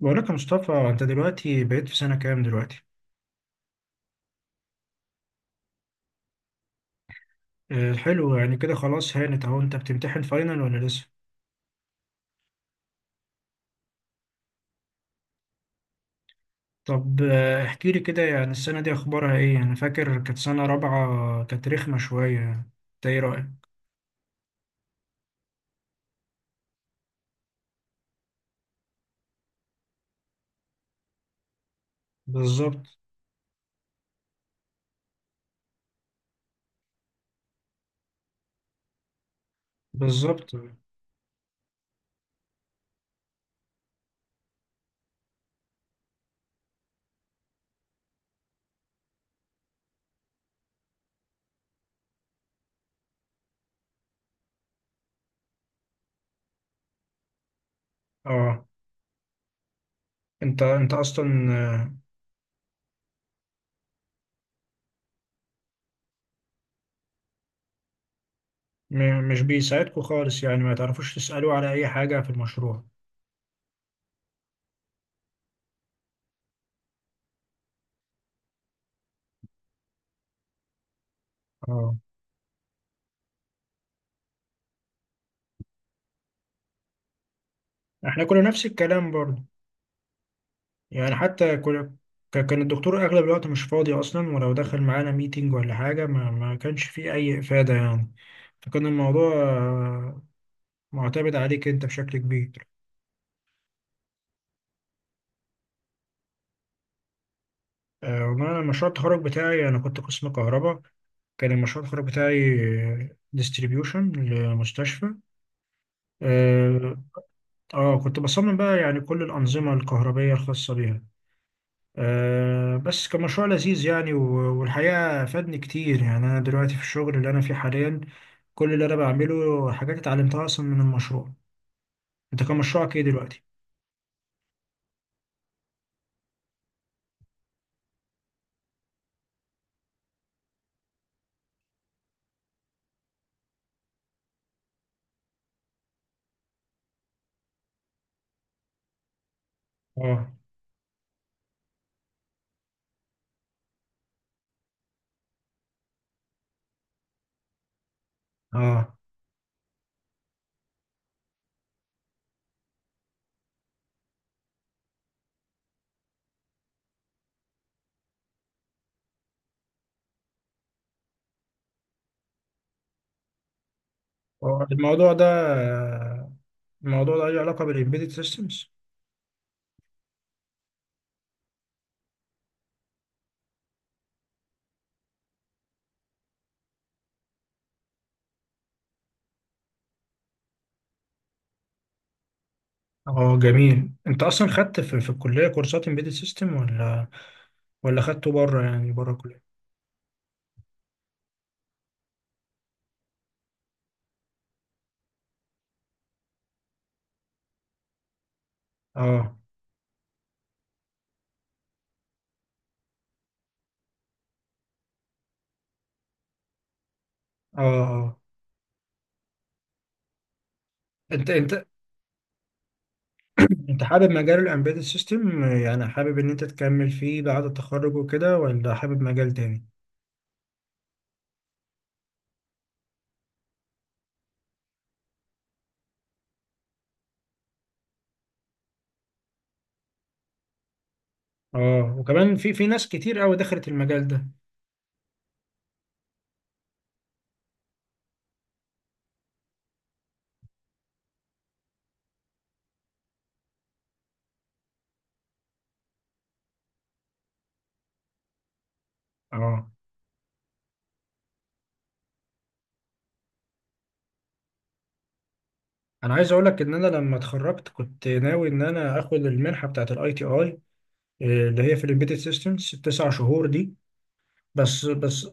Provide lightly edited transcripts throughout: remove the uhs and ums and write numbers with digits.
بقولك يا مصطفى انت دلوقتي بقيت في سنة كام دلوقتي؟ حلو يعني كده خلاص هانت اهو انت بتمتحن فاينل ولا لسه؟ طب، احكيلي كده يعني السنة دي اخبارها ايه؟ يعني انا فاكر كانت سنة رابعة كانت رخمة شوية يعني. انت ايه رأيك؟ بالظبط. بالظبط. اه. انت اصلا، مش بيساعدكوا خالص يعني ما تعرفوش تسألوا على اي حاجة في المشروع. اه. احنا كنا نفس الكلام برضه. يعني حتى كان الدكتور أغلب الوقت مش فاضي أصلا، ولو دخل معانا ميتينج ولا حاجة ما كانش فيه أي إفادة يعني. فكان الموضوع معتمد عليك أنت بشكل كبير. والله أنا مشروع التخرج بتاعي أنا كنت قسم كهرباء. كان مشروع التخرج بتاعي ديستريبيوشن لمستشفى. اه. كنت بصمم بقى يعني كل الأنظمة الكهربية الخاصة بيها. بس كان مشروع لذيذ يعني، والحقيقة فادني كتير يعني، أنا دلوقتي في الشغل اللي أنا فيه حاليا كل اللي أنا بعمله حاجات اتعلمتها أصلا من المشروع. أنت كان مشروعك إيه دلوقتي؟ اه. اه. هو الموضوع ده آه، الموضوع ده له علاقة بالإمبيدد سيستمز. اه، جميل. أنت أصلا خدت في الكلية كورسات إمبيدد سيستم، ولا خدته بره يعني بره الكلية؟ اه. اه. اه. أنت أنت انت حابب مجال الامبيدد سيستم، يعني حابب ان انت تكمل فيه بعد التخرج وكده، ولا حابب مجال تاني؟ اه، وكمان في ناس كتير قوي دخلت المجال ده. اه. انا عايز اقول لك ان انا لما اتخرجت كنت ناوي ان انا اخد المنحه بتاعت الاي تي اي اللي هي في الامبيدد سيستمز التسع شهور دي. بس بس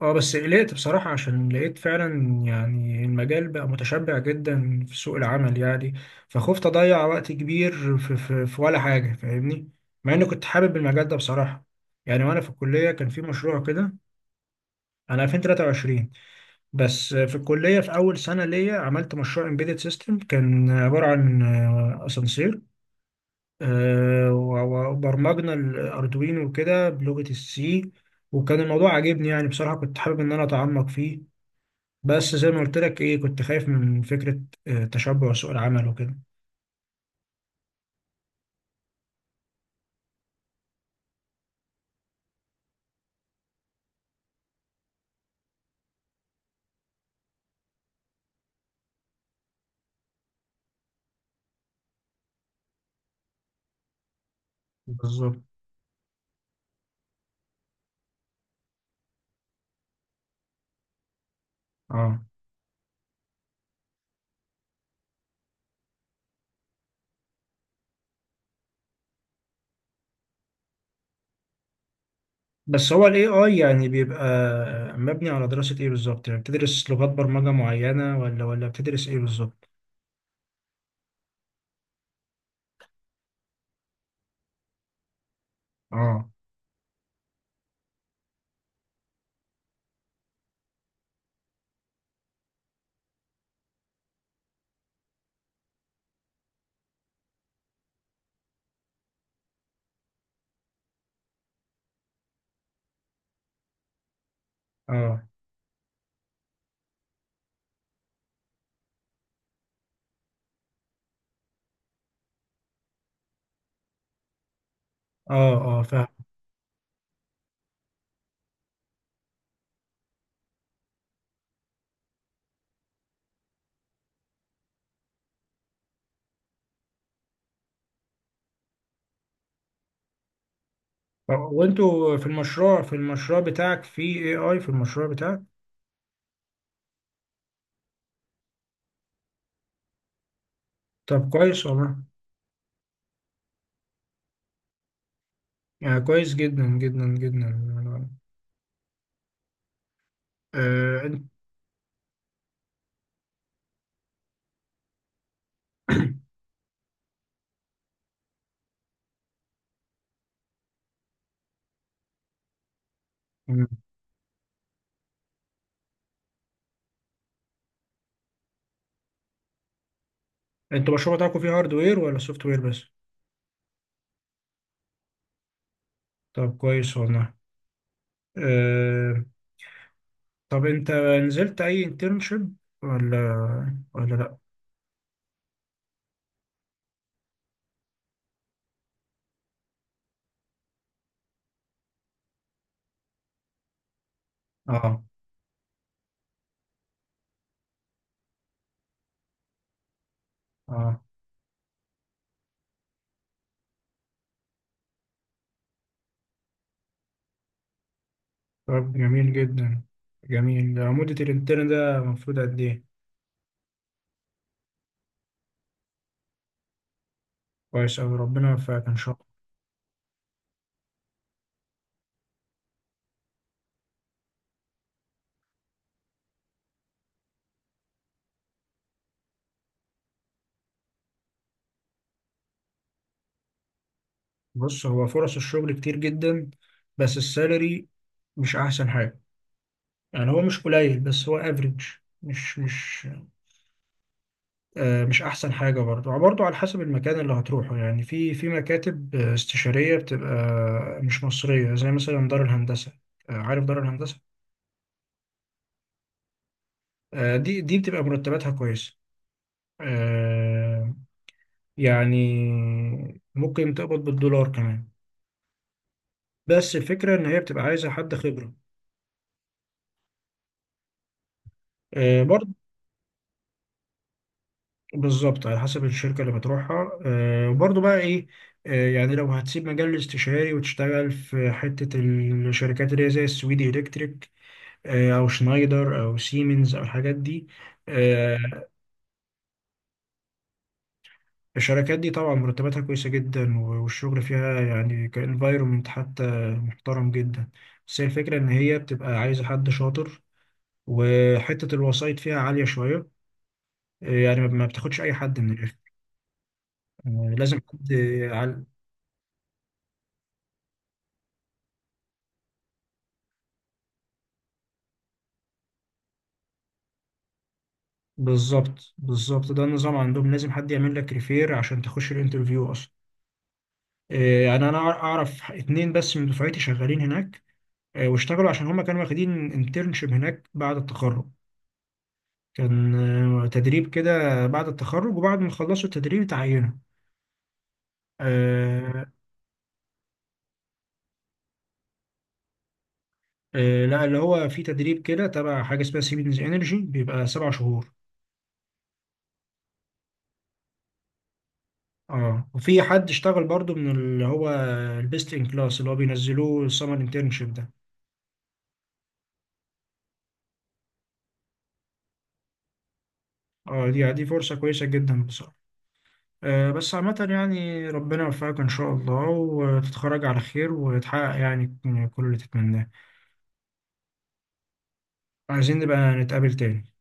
اه بس قلقت بصراحة عشان لقيت فعلا يعني المجال بقى متشبع جدا في سوق العمل يعني. فخفت أضيع وقت كبير في ولا حاجة، فاهمني؟ مع إني كنت حابب المجال ده بصراحة، يعني وأنا في الكلية كان في مشروع كده. أنا 2023. بس في الكلية في أول سنة ليا عملت مشروع امبيدد سيستم كان عبارة عن أسانسير، وبرمجنا الأردوينو وكده بلغة السي. وكان الموضوع عاجبني يعني بصراحة كنت حابب إن أنا أتعمق فيه. بس زي ما قلت لك ايه كنت خايف من فكرة تشبع سوق العمل وكده. بالظبط. اه. بس هو الاي اي يعني بيبقى مبني على دراسة ايه بالظبط؟ يعني بتدرس لغات برمجة معينة، ولا بتدرس ايه بالظبط؟ اه. اه. اه. اه، فاهم. طب وانتوا في المشروع بتاعك في اي اي، في المشروع بتاعك. طب كويس والله، يعني كويس جدا جدا جدا. آه، انت- مم. انتوا المشروع بتاعكم فيه هاردوير ولا سوفت وير بس؟ طب كويس والله. آه، طب انت نزلت اي انترنشيب، ولا ولا لا؟ اه. اه. طب جميل جدا. جميل، مدة الانترن ده المفروض قد ايه؟ كويس اوي، ربنا يوفقك ان شاء الله. بص، هو فرص الشغل كتير جدا بس السالري مش احسن حاجة. يعني هو مش قليل بس هو افريج. مش مش مش احسن حاجة برضه. برضه على حسب المكان اللي هتروحه، يعني في مكاتب استشارية بتبقى مش مصرية زي مثلا دار الهندسة. عارف دار الهندسة؟ دي بتبقى مرتباتها كويسة. آه، يعني ممكن تقبض بالدولار كمان. بس الفكرة إن هي بتبقى عايزة حد خبرة. برضه بالظبط على حسب الشركة اللي بتروحها. وبرضه بقى إيه، يعني لو هتسيب مجال الاستشاري وتشتغل في حتة الشركات اللي هي زي السويدي إلكتريك، أو شنايدر أو سيمنز أو الحاجات دي. آه، الشركات دي طبعا مرتباتها كويسة جدا، والشغل فيها يعني كانفايرومنت حتى محترم جدا. بس هي الفكرة إن هي بتبقى عايزة حد شاطر، وحتة الوسائط فيها عالية شوية، يعني ما ما بتاخدش أي حد من الآخر. لازم حد عال... بالظبط. بالظبط، ده النظام عندهم لازم حد يعمل لك ريفير عشان تخش الانترفيو أصلا. يعني أنا أعرف 2 بس من دفعتي شغالين هناك. واشتغلوا عشان هما كانوا واخدين انترنشيب هناك بعد التخرج. كان تدريب كده بعد التخرج، وبعد ما خلصوا التدريب اتعينوا. آه. لا، اللي هو في تدريب كده تبع حاجة اسمها سيمنز انرجي بيبقى 7 شهور. اه، وفي حد اشتغل برضو من اللي هو البيست ان كلاس اللي هو بينزلوه السمر انترنشيب ده. اه، دي فرصة كويسة جدا بصراحة. بس عامة يعني ربنا يوفقك إن شاء الله وتتخرج على خير وتحقق يعني كل اللي تتمناه. عايزين نبقى نتقابل تاني.